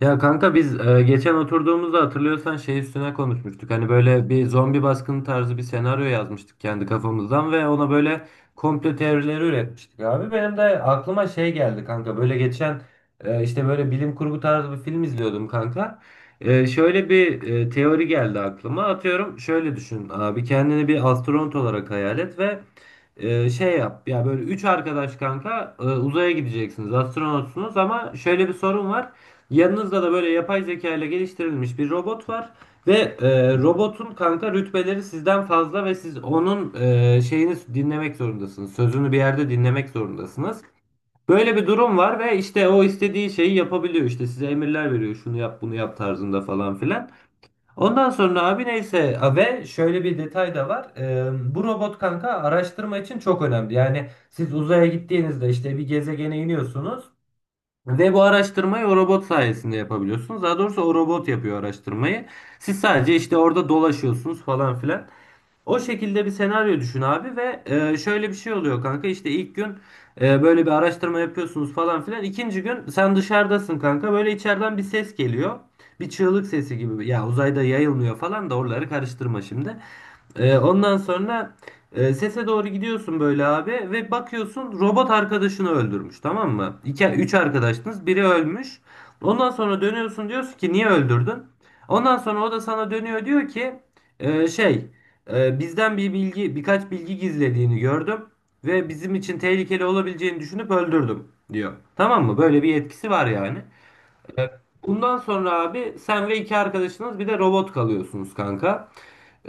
Ya kanka biz geçen oturduğumuzda hatırlıyorsan şey üstüne konuşmuştuk. Hani böyle bir zombi baskını tarzı bir senaryo yazmıştık kendi kafamızdan ve ona böyle komplo teorileri üretmiştik abi. Benim de aklıma şey geldi kanka. Böyle geçen işte böyle bilim kurgu tarzı bir film izliyordum kanka. Şöyle bir teori geldi aklıma. Atıyorum şöyle düşün abi, kendini bir astronot olarak hayal et ve şey yap ya, böyle üç arkadaş kanka, uzaya gideceksiniz, astronotsunuz, ama şöyle bir sorun var. Yanınızda da böyle yapay zeka ile geliştirilmiş bir robot var ve robotun kanka rütbeleri sizden fazla ve siz onun şeyini dinlemek zorundasınız. Sözünü bir yerde dinlemek zorundasınız. Böyle bir durum var ve işte o istediği şeyi yapabiliyor. İşte size emirler veriyor. Şunu yap, bunu yap tarzında falan filan. Ondan sonra abi neyse a, ve şöyle bir detay da var. Bu robot kanka araştırma için çok önemli. Yani siz uzaya gittiğinizde işte bir gezegene iniyorsunuz. Ve bu araştırmayı o robot sayesinde yapabiliyorsunuz. Daha doğrusu o robot yapıyor araştırmayı. Siz sadece işte orada dolaşıyorsunuz falan filan. O şekilde bir senaryo düşün abi ve şöyle bir şey oluyor kanka. İşte ilk gün böyle bir araştırma yapıyorsunuz falan filan. İkinci gün sen dışarıdasın kanka. Böyle içeriden bir ses geliyor. Bir çığlık sesi gibi. Ya uzayda yayılmıyor falan da oraları karıştırma şimdi. Ondan sonra sese doğru gidiyorsun böyle abi ve bakıyorsun robot arkadaşını öldürmüş, tamam mı? İki, üç arkadaştınız, biri ölmüş. Ondan sonra dönüyorsun, diyorsun ki niye öldürdün? Ondan sonra o da sana dönüyor, diyor ki e, şey bizden bir bilgi, birkaç bilgi gizlediğini gördüm ve bizim için tehlikeli olabileceğini düşünüp öldürdüm diyor. Tamam mı? Böyle bir etkisi var yani. Evet. Bundan sonra abi sen ve iki arkadaşınız bir de robot kalıyorsunuz kanka.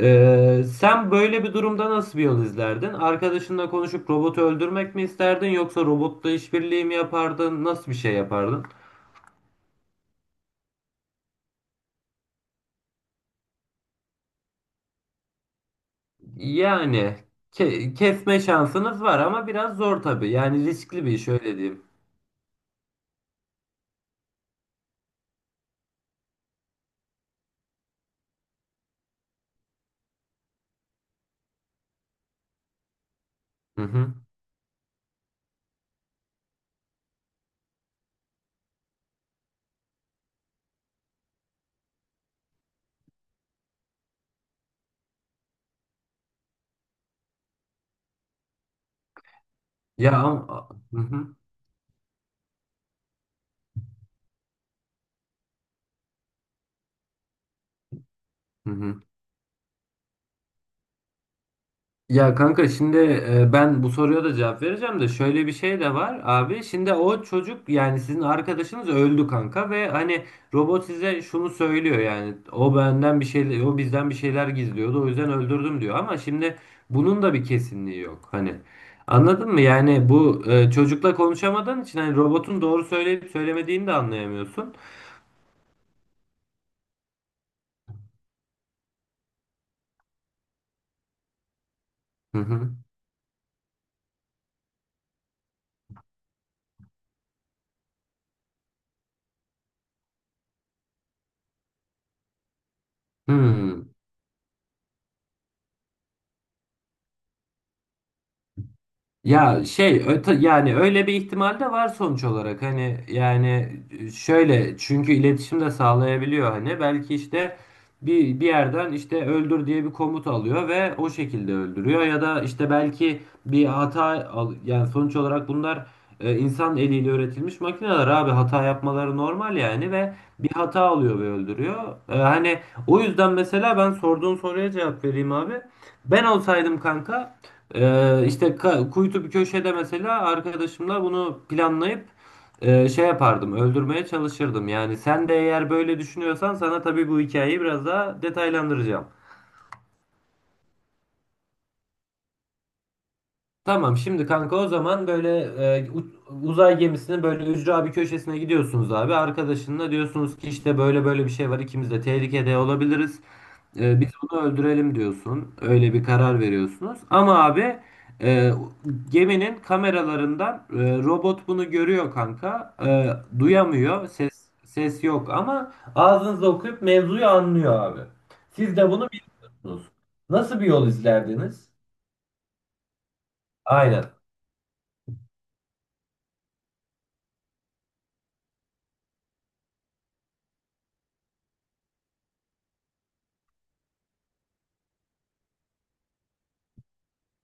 Sen böyle bir durumda nasıl bir yol izlerdin? Arkadaşınla konuşup robotu öldürmek mi isterdin yoksa robotla işbirliği mi yapardın? Nasıl bir şey yapardın? Yani kesme şansınız var ama biraz zor tabii. Yani riskli bir iş, öyle diyeyim. Hı hı. Ya ama... Hı hı. Hı hı. Ya kanka şimdi, ben bu soruya da cevap vereceğim de şöyle bir şey de var abi. Şimdi o çocuk, yani sizin arkadaşınız öldü kanka ve hani robot size şunu söylüyor, yani o benden bir şey, o bizden bir şeyler gizliyordu, o yüzden öldürdüm diyor, ama şimdi bunun da bir kesinliği yok hani. Anladın mı? Yani bu çocukla konuşamadığın için hani robotun doğru söyleyip söylemediğini de anlayamıyorsun. Hı hı. Hmm. Ya şey öte, yani öyle bir ihtimal de var sonuç olarak, hani yani, şöyle, çünkü iletişim de sağlayabiliyor hani, belki işte bir yerden işte öldür diye bir komut alıyor ve o şekilde öldürüyor, ya da işte belki bir hata al, yani sonuç olarak bunlar insan eliyle üretilmiş makineler abi, hata yapmaları normal yani, ve bir hata alıyor ve öldürüyor. Hani o yüzden mesela ben sorduğun soruya cevap vereyim abi. Ben olsaydım kanka işte kuytu bir köşede mesela arkadaşımla bunu planlayıp şey yapardım, öldürmeye çalışırdım. Yani sen de eğer böyle düşünüyorsan, sana tabii bu hikayeyi biraz daha detaylandıracağım. Tamam, şimdi kanka o zaman böyle e, u- uzay gemisinin böyle ücra bir köşesine gidiyorsunuz abi. Arkadaşınla diyorsunuz ki işte böyle böyle bir şey var, ikimiz de tehlikede olabiliriz. Biz bunu öldürelim diyorsun. Öyle bir karar veriyorsunuz. Ama abi e, geminin kameralarından robot bunu görüyor kanka. Duyamıyor. Ses yok ama ağzınızda okuyup mevzuyu anlıyor abi. Siz de bunu biliyorsunuz. Nasıl bir yol izlerdiniz? Aynen.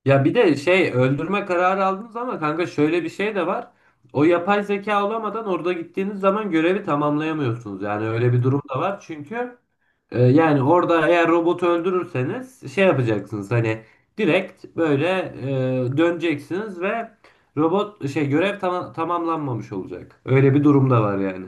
Ya bir de şey, öldürme kararı aldınız ama kanka şöyle bir şey de var. O yapay zeka olamadan orada gittiğiniz zaman görevi tamamlayamıyorsunuz. Yani öyle bir durum da var. Çünkü yani orada eğer robotu öldürürseniz şey yapacaksınız, hani direkt böyle döneceksiniz ve robot şey, görev tamamlanmamış olacak. Öyle bir durum da var yani.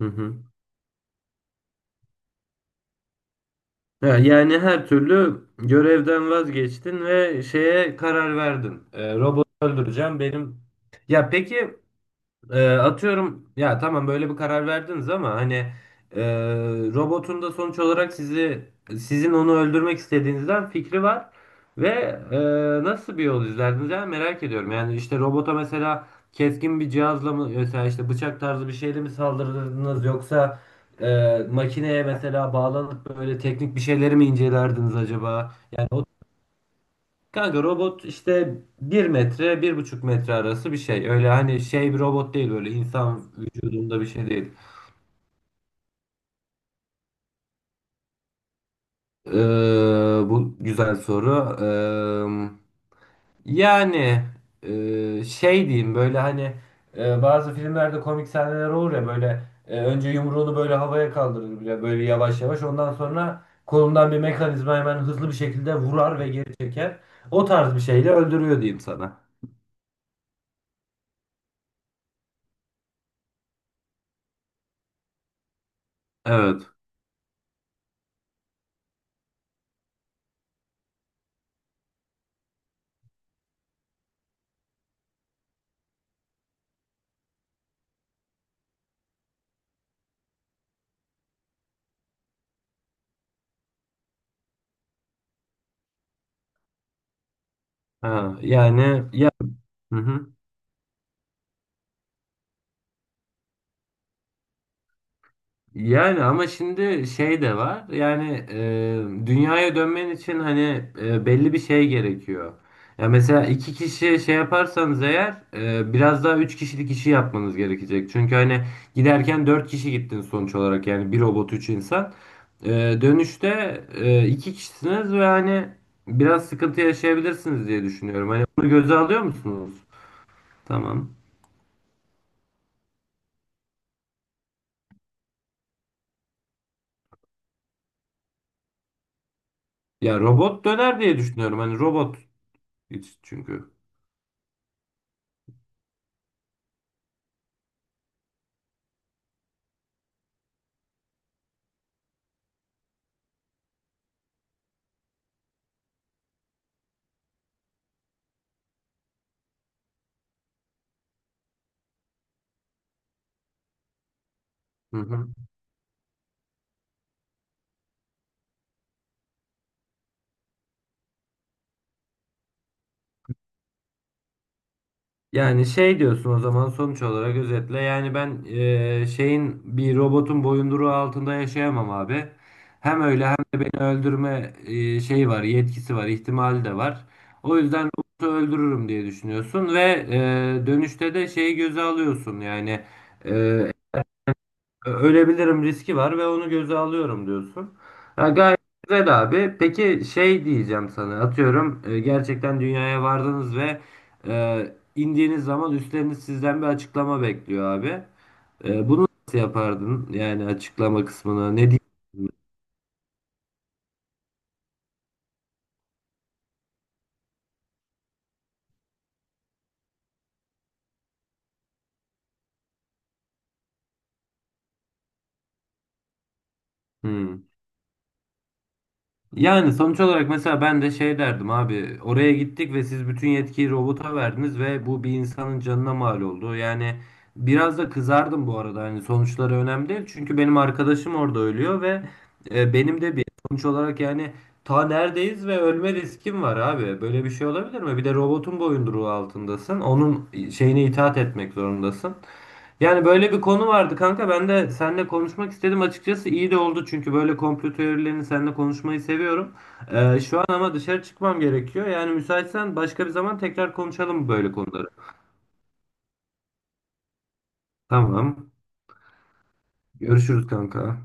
Hı hı. Ya yani her türlü görevden vazgeçtin ve şeye karar verdin. Robotu öldüreceğim benim. Ya peki, atıyorum ya tamam, böyle bir karar verdiniz ama hani e, robotun da sonuç olarak sizi, sizin onu öldürmek istediğinizden fikri var ve e, nasıl bir yol izlerdiniz ya, merak ediyorum. Yani işte robota mesela keskin bir cihazla mı, mesela işte bıçak tarzı bir şeyle mi saldırırdınız yoksa makineye mesela bağlanıp böyle teknik bir şeyleri mi incelerdiniz acaba? Yani o, kanka robot işte bir metre, bir buçuk metre arası bir şey. Öyle hani şey bir robot değil, böyle insan vücudunda bir şey değil. Bu güzel soru. Yani şey diyeyim, böyle hani bazı filmlerde komik sahneler olur ya, böyle önce yumruğunu böyle havaya kaldırır bile, böyle yavaş yavaş, ondan sonra kolundan bir mekanizma hemen hızlı bir şekilde vurar ve geri çeker. O tarz bir şeyle öldürüyor diyeyim sana. Evet. Ha, yani ya. Hı hı. Yani ama şimdi şey de var. Yani dünyaya dönmen için hani belli bir şey gerekiyor. Ya mesela iki kişi şey yaparsanız eğer, biraz daha üç kişilik işi yapmanız gerekecek. Çünkü hani giderken dört kişi gittin sonuç olarak, yani bir robot üç insan. E, Dönüşte iki kişisiniz ve hani biraz sıkıntı yaşayabilirsiniz diye düşünüyorum. Hani bunu göze alıyor musunuz? Tamam. Ya robot döner diye düşünüyorum. Hani robot hiç çünkü. Hı hı. Yani şey diyorsun o zaman, sonuç olarak özetle, yani ben şeyin, bir robotun boyunduruğu altında yaşayamam abi. Hem öyle hem de beni öldürme şeyi var, yetkisi var, ihtimali de var. O yüzden robotu öldürürüm diye düşünüyorsun ve dönüşte de şeyi göze alıyorsun yani, eee, ölebilirim riski var ve onu göze alıyorum diyorsun. Ha, gayet güzel abi. Peki şey diyeceğim sana, atıyorum gerçekten dünyaya vardınız ve indiğiniz zaman üstleriniz sizden bir açıklama bekliyor abi. Bunu nasıl yapardın? Yani açıklama kısmına ne diyeyim? Hmm. Yani sonuç olarak mesela ben de şey derdim abi, oraya gittik ve siz bütün yetkiyi robota verdiniz ve bu bir insanın canına mal oldu. Yani biraz da kızardım bu arada, hani sonuçları önemli değil çünkü benim arkadaşım orada ölüyor ve benim de bir sonuç olarak yani ta neredeyiz ve ölme riskim var abi, böyle bir şey olabilir mi? Bir de robotun boyunduruğu altındasın, onun şeyine itaat etmek zorundasın. Yani böyle bir konu vardı kanka. Ben de seninle konuşmak istedim açıkçası. İyi de oldu çünkü böyle komplo teorilerini seninle konuşmayı seviyorum. Şu an ama dışarı çıkmam gerekiyor. Yani müsaitsen başka bir zaman tekrar konuşalım böyle konuları. Tamam. Görüşürüz kanka.